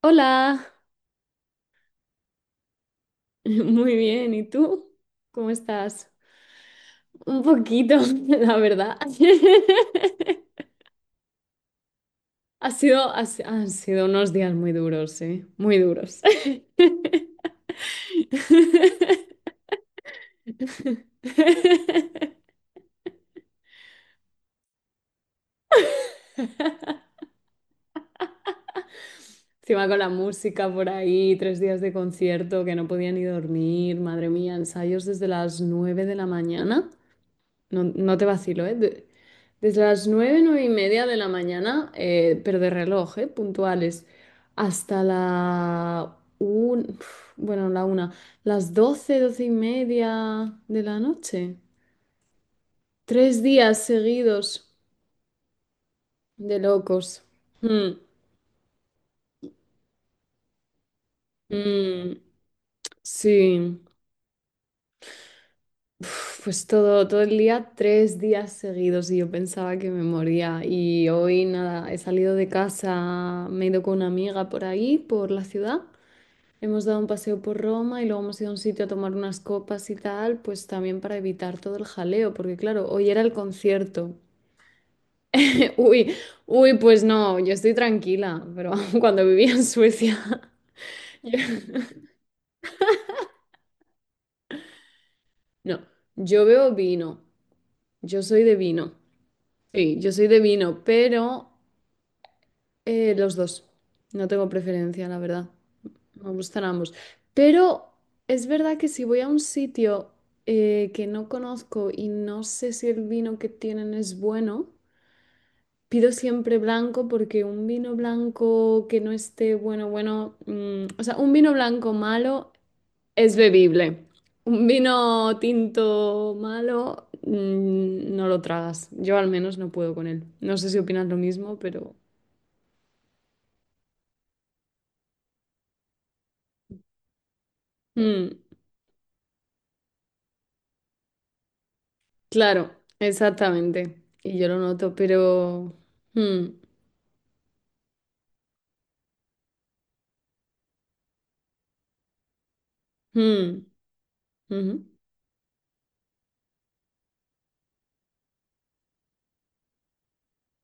Hola, muy bien. ¿Y tú? ¿Cómo estás? Un poquito, la verdad. Ha sido, ha si- han sido unos días muy duros, sí, muy duros. Encima con la música por ahí, 3 días de concierto que no podía ni dormir, madre mía, ensayos desde las 9 de la mañana. No, no te vacilo, ¿eh? Desde las 9, 9:30 de la mañana, pero de reloj, ¿eh? Puntuales, hasta uf, bueno, la 1, las 12, 12:30 de la noche. 3 días seguidos de locos. Mm, mm, sí. Uf, pues todo, todo el día, 3 días seguidos y yo pensaba que me moría. Y hoy nada, he salido de casa, me he ido con una amiga por ahí, por la ciudad. Hemos dado un paseo por Roma y luego hemos ido a un sitio a tomar unas copas y tal, pues también para evitar todo el jaleo, porque claro, hoy era el concierto. Uy, uy, pues no, yo estoy tranquila, pero cuando vivía en Suecia, yo- no, yo veo vino, yo soy de vino. Sí, yo soy de vino, pero eh, los dos. No tengo preferencia, la verdad. Me gustan ambos. Pero es verdad que si voy a un sitio que no conozco y no sé si el vino que tienen es bueno, pido siempre blanco porque un vino blanco que no esté bueno, bueno, mm, o sea, un vino blanco malo es bebible. Un vino tinto malo, mm, no lo tragas. Yo al menos no puedo con él. No sé si opinas lo mismo, pero. Mm. Claro, exactamente. Y yo lo noto, pero. Hmm, hmm, ujú,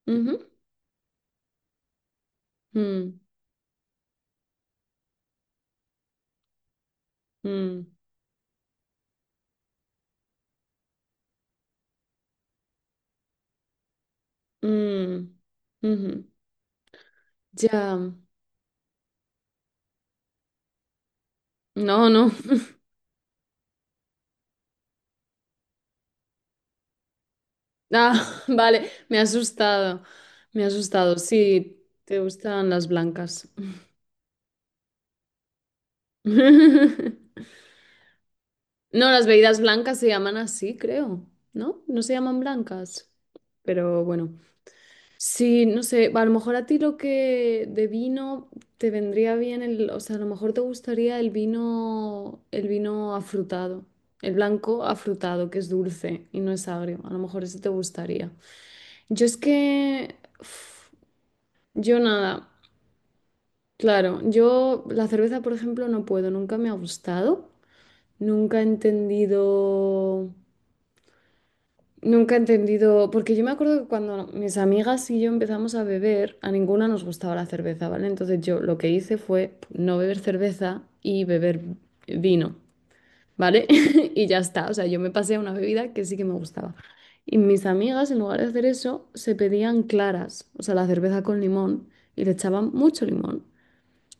ujú, hmm, hmm, hmm, ujú. Ya. No, no. Ah, vale, me ha asustado. Me ha asustado. Sí, te gustan las blancas. No, las bebidas blancas se llaman así, creo. ¿No? No se llaman blancas. Pero bueno. Sí, no sé, a lo mejor a ti lo que de vino te vendría bien el, o sea, a lo mejor te gustaría el vino afrutado, el blanco afrutado, que es dulce y no es agrio. A lo mejor ese te gustaría. Yo es que, uf, yo nada, claro, yo la cerveza, por ejemplo, no puedo, nunca me ha gustado, nunca he entendido. Nunca he entendido, porque yo me acuerdo que cuando mis amigas y yo empezamos a beber, a ninguna nos gustaba la cerveza, ¿vale? Entonces yo lo que hice fue no beber cerveza y beber vino, ¿vale? Y ya está, o sea, yo me pasé a una bebida que sí que me gustaba. Y mis amigas, en lugar de hacer eso, se pedían claras, o sea, la cerveza con limón, y le echaban mucho limón.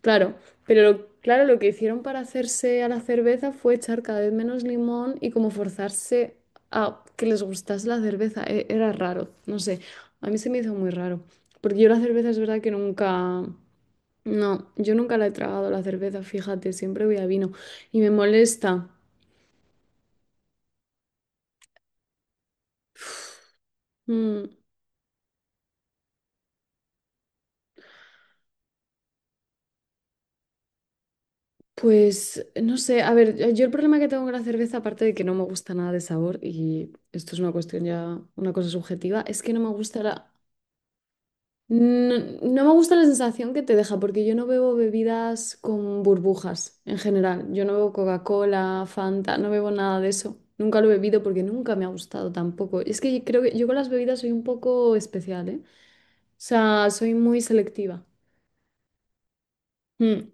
Claro, pero claro, lo que hicieron para hacerse a la cerveza fue echar cada vez menos limón y como forzarse a que les gustase la cerveza. Era raro, no sé. A mí se me hizo muy raro. Porque yo la cerveza es verdad que nunca. No, yo nunca la he tragado la cerveza, fíjate, siempre voy a vino. Y me molesta. Mm, pues no sé, a ver, yo el problema que tengo con la cerveza, aparte de que no me gusta nada de sabor, y esto es una cuestión ya, una cosa subjetiva, es que no me gusta la. No, no me gusta la sensación que te deja, porque yo no bebo bebidas con burbujas en general. Yo no bebo Coca-Cola, Fanta, no bebo nada de eso. Nunca lo he bebido porque nunca me ha gustado tampoco. Es que creo que yo con las bebidas soy un poco especial, ¿eh? O sea, soy muy selectiva. Mm,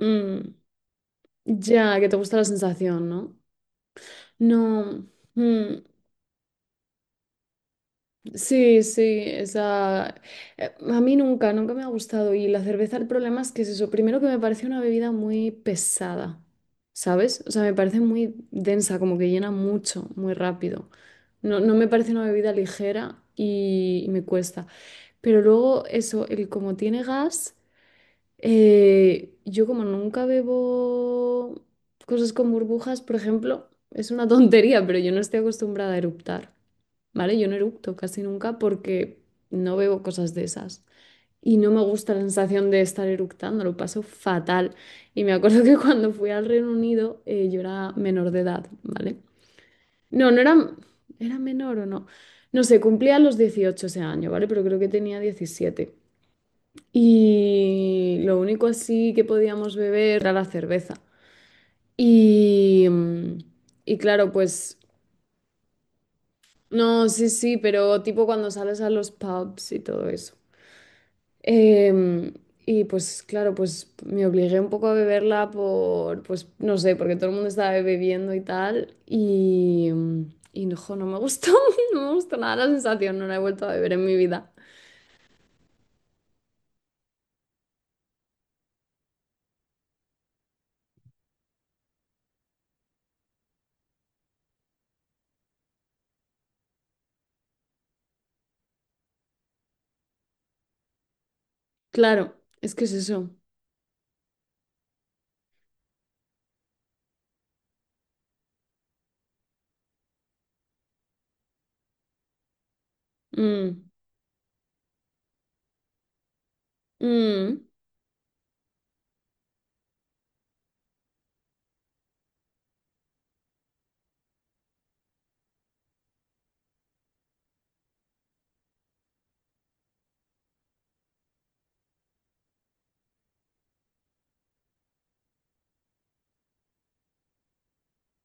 mm. Ya, que te gusta la sensación, ¿no? No. Mm. Sí, sí, esa, a mí nunca, nunca me ha gustado. Y la cerveza, el problema es que es eso. Primero que me parece una bebida muy pesada, ¿sabes? O sea, me parece muy densa, como que llena mucho, muy rápido. No, no me parece una bebida ligera y me cuesta. Pero luego eso, el como tiene gas, yo como nunca bebo cosas con burbujas, por ejemplo, es una tontería, pero yo no estoy acostumbrada a eructar. ¿Vale? Yo no eructo casi nunca porque no bebo cosas de esas. Y no me gusta la sensación de estar eructando, lo paso fatal. Y me acuerdo que cuando fui al Reino Unido, yo era menor de edad, ¿vale? No, no era, menor o no. No sé, cumplía los 18 ese año, ¿vale? Pero creo que tenía 17. Y lo único así que podíamos beber era la cerveza. Y, mm, y claro, pues, no, sí, sí, pero tipo cuando sales a los pubs y todo eso. Em, y pues claro, pues me obligué un poco a beberla por, pues no sé, porque todo el mundo estaba bebiendo y tal. Y no, jo, no me gustó, no me gustó nada la sensación, no la he vuelto a beber en mi vida. Claro, es que es eso. Mm, mm,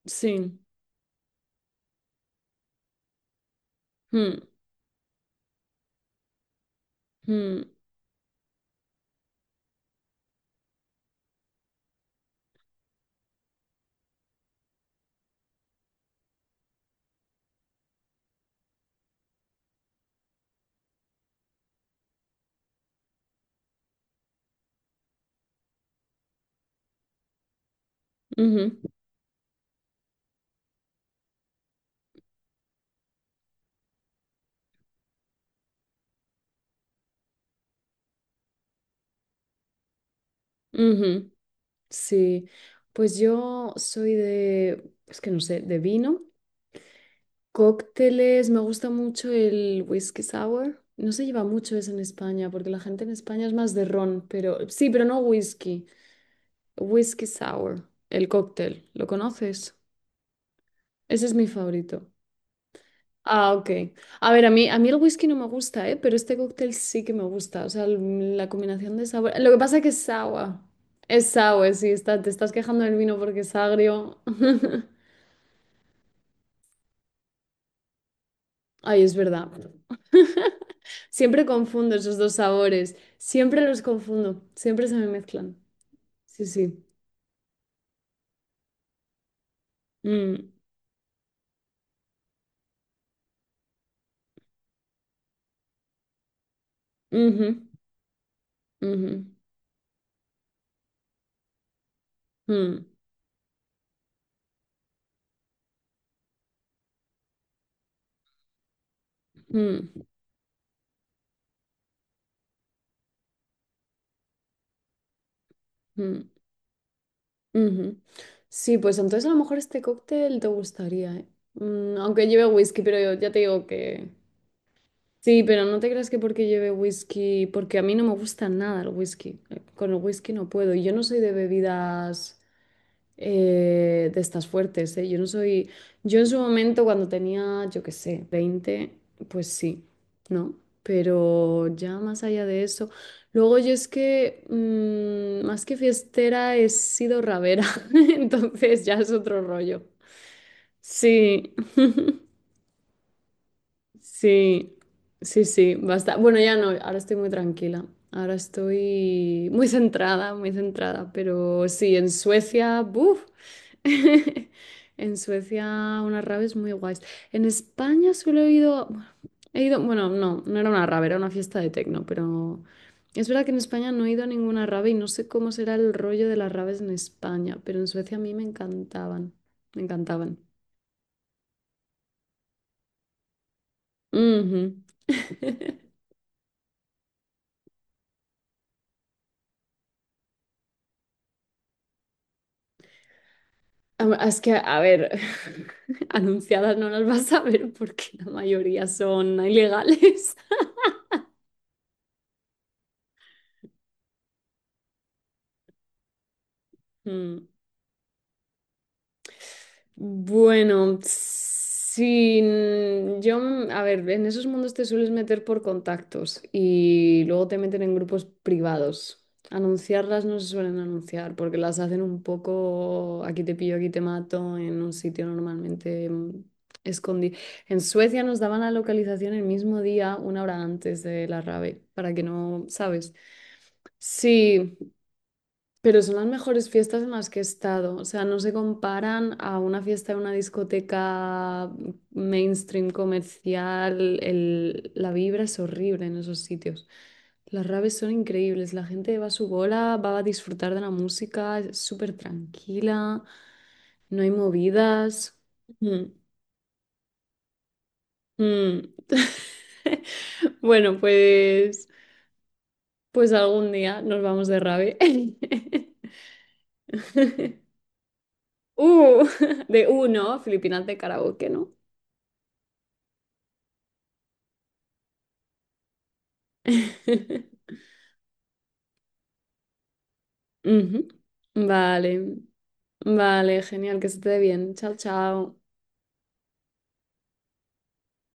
sí. Mm, mm, ujú, ujú, sí. Pues yo soy de, es que no sé, de vino. Cócteles, me gusta mucho el whisky sour. No se lleva mucho eso en España, porque la gente en España es más de ron, pero sí, pero no whisky. Whisky sour, el cóctel, ¿lo conoces? Ese es mi favorito. Ah, ok. A ver, a mí el whisky no me gusta, ¿eh? Pero este cóctel sí que me gusta. O sea, la combinación de sabor. Lo que pasa es que es sour. Es sour, sí, está, te estás quejando del vino porque es agrio. Ay, es verdad. Siempre confundo esos dos sabores. Siempre los confundo. Siempre se me mezclan. Sí, sí. Mm, ujú, ujú, mm, mm, mm, ujú. Sí, pues entonces a lo mejor este cóctel te gustaría, ¿eh? Aunque lleve whisky, pero yo ya te digo que. Sí, pero no te creas que porque lleve whisky, porque a mí no me gusta nada el whisky. Con el whisky no puedo. Y yo no soy de bebidas, de estas fuertes, ¿eh? Yo no soy, yo en su momento cuando tenía, yo qué sé, 20, pues sí, ¿no? Pero ya más allá de eso, luego yo es que, más que fiestera he sido rabera, entonces ya es otro rollo. Sí, sí, sí, sí, basta. Bueno, ya no, ahora estoy muy tranquila. Ahora estoy muy centrada, muy centrada. Pero sí, en Suecia, ¡buf! En Suecia, unas raves muy guays. En España solo he ido, bueno, he ido, bueno, no, no era una rave, era una fiesta de tecno, pero es verdad que en España no he ido a ninguna rave y no sé cómo será el rollo de las raves en España, pero en Suecia a mí me encantaban, me encantaban. Ujú. Es que, a ver, anunciadas no las vas a ver porque la mayoría son ilegales. Mm. Bueno, sí, yo, a ver, en esos mundos te sueles meter por contactos y luego te meten en grupos privados. Anunciarlas no se suelen anunciar porque las hacen un poco aquí te pillo, aquí te mato, en un sitio normalmente escondido. En Suecia nos daban la localización el mismo día, 1 hora antes de la rave, para que no, ¿sabes? Sí, pero son las mejores fiestas en las que he estado. O sea, no se comparan a una fiesta de una discoteca mainstream comercial. La vibra es horrible en esos sitios. Las raves son increíbles. La gente va a su bola, va a disfrutar de la música, es súper tranquila, no hay movidas. Mm, mm. Bueno, pues, pues algún día nos vamos de rave. Uh, de uno, Filipinas de karaoke, ¿no? Ujú. Vale, vale, genial, que se te dé bien. Chao, chao.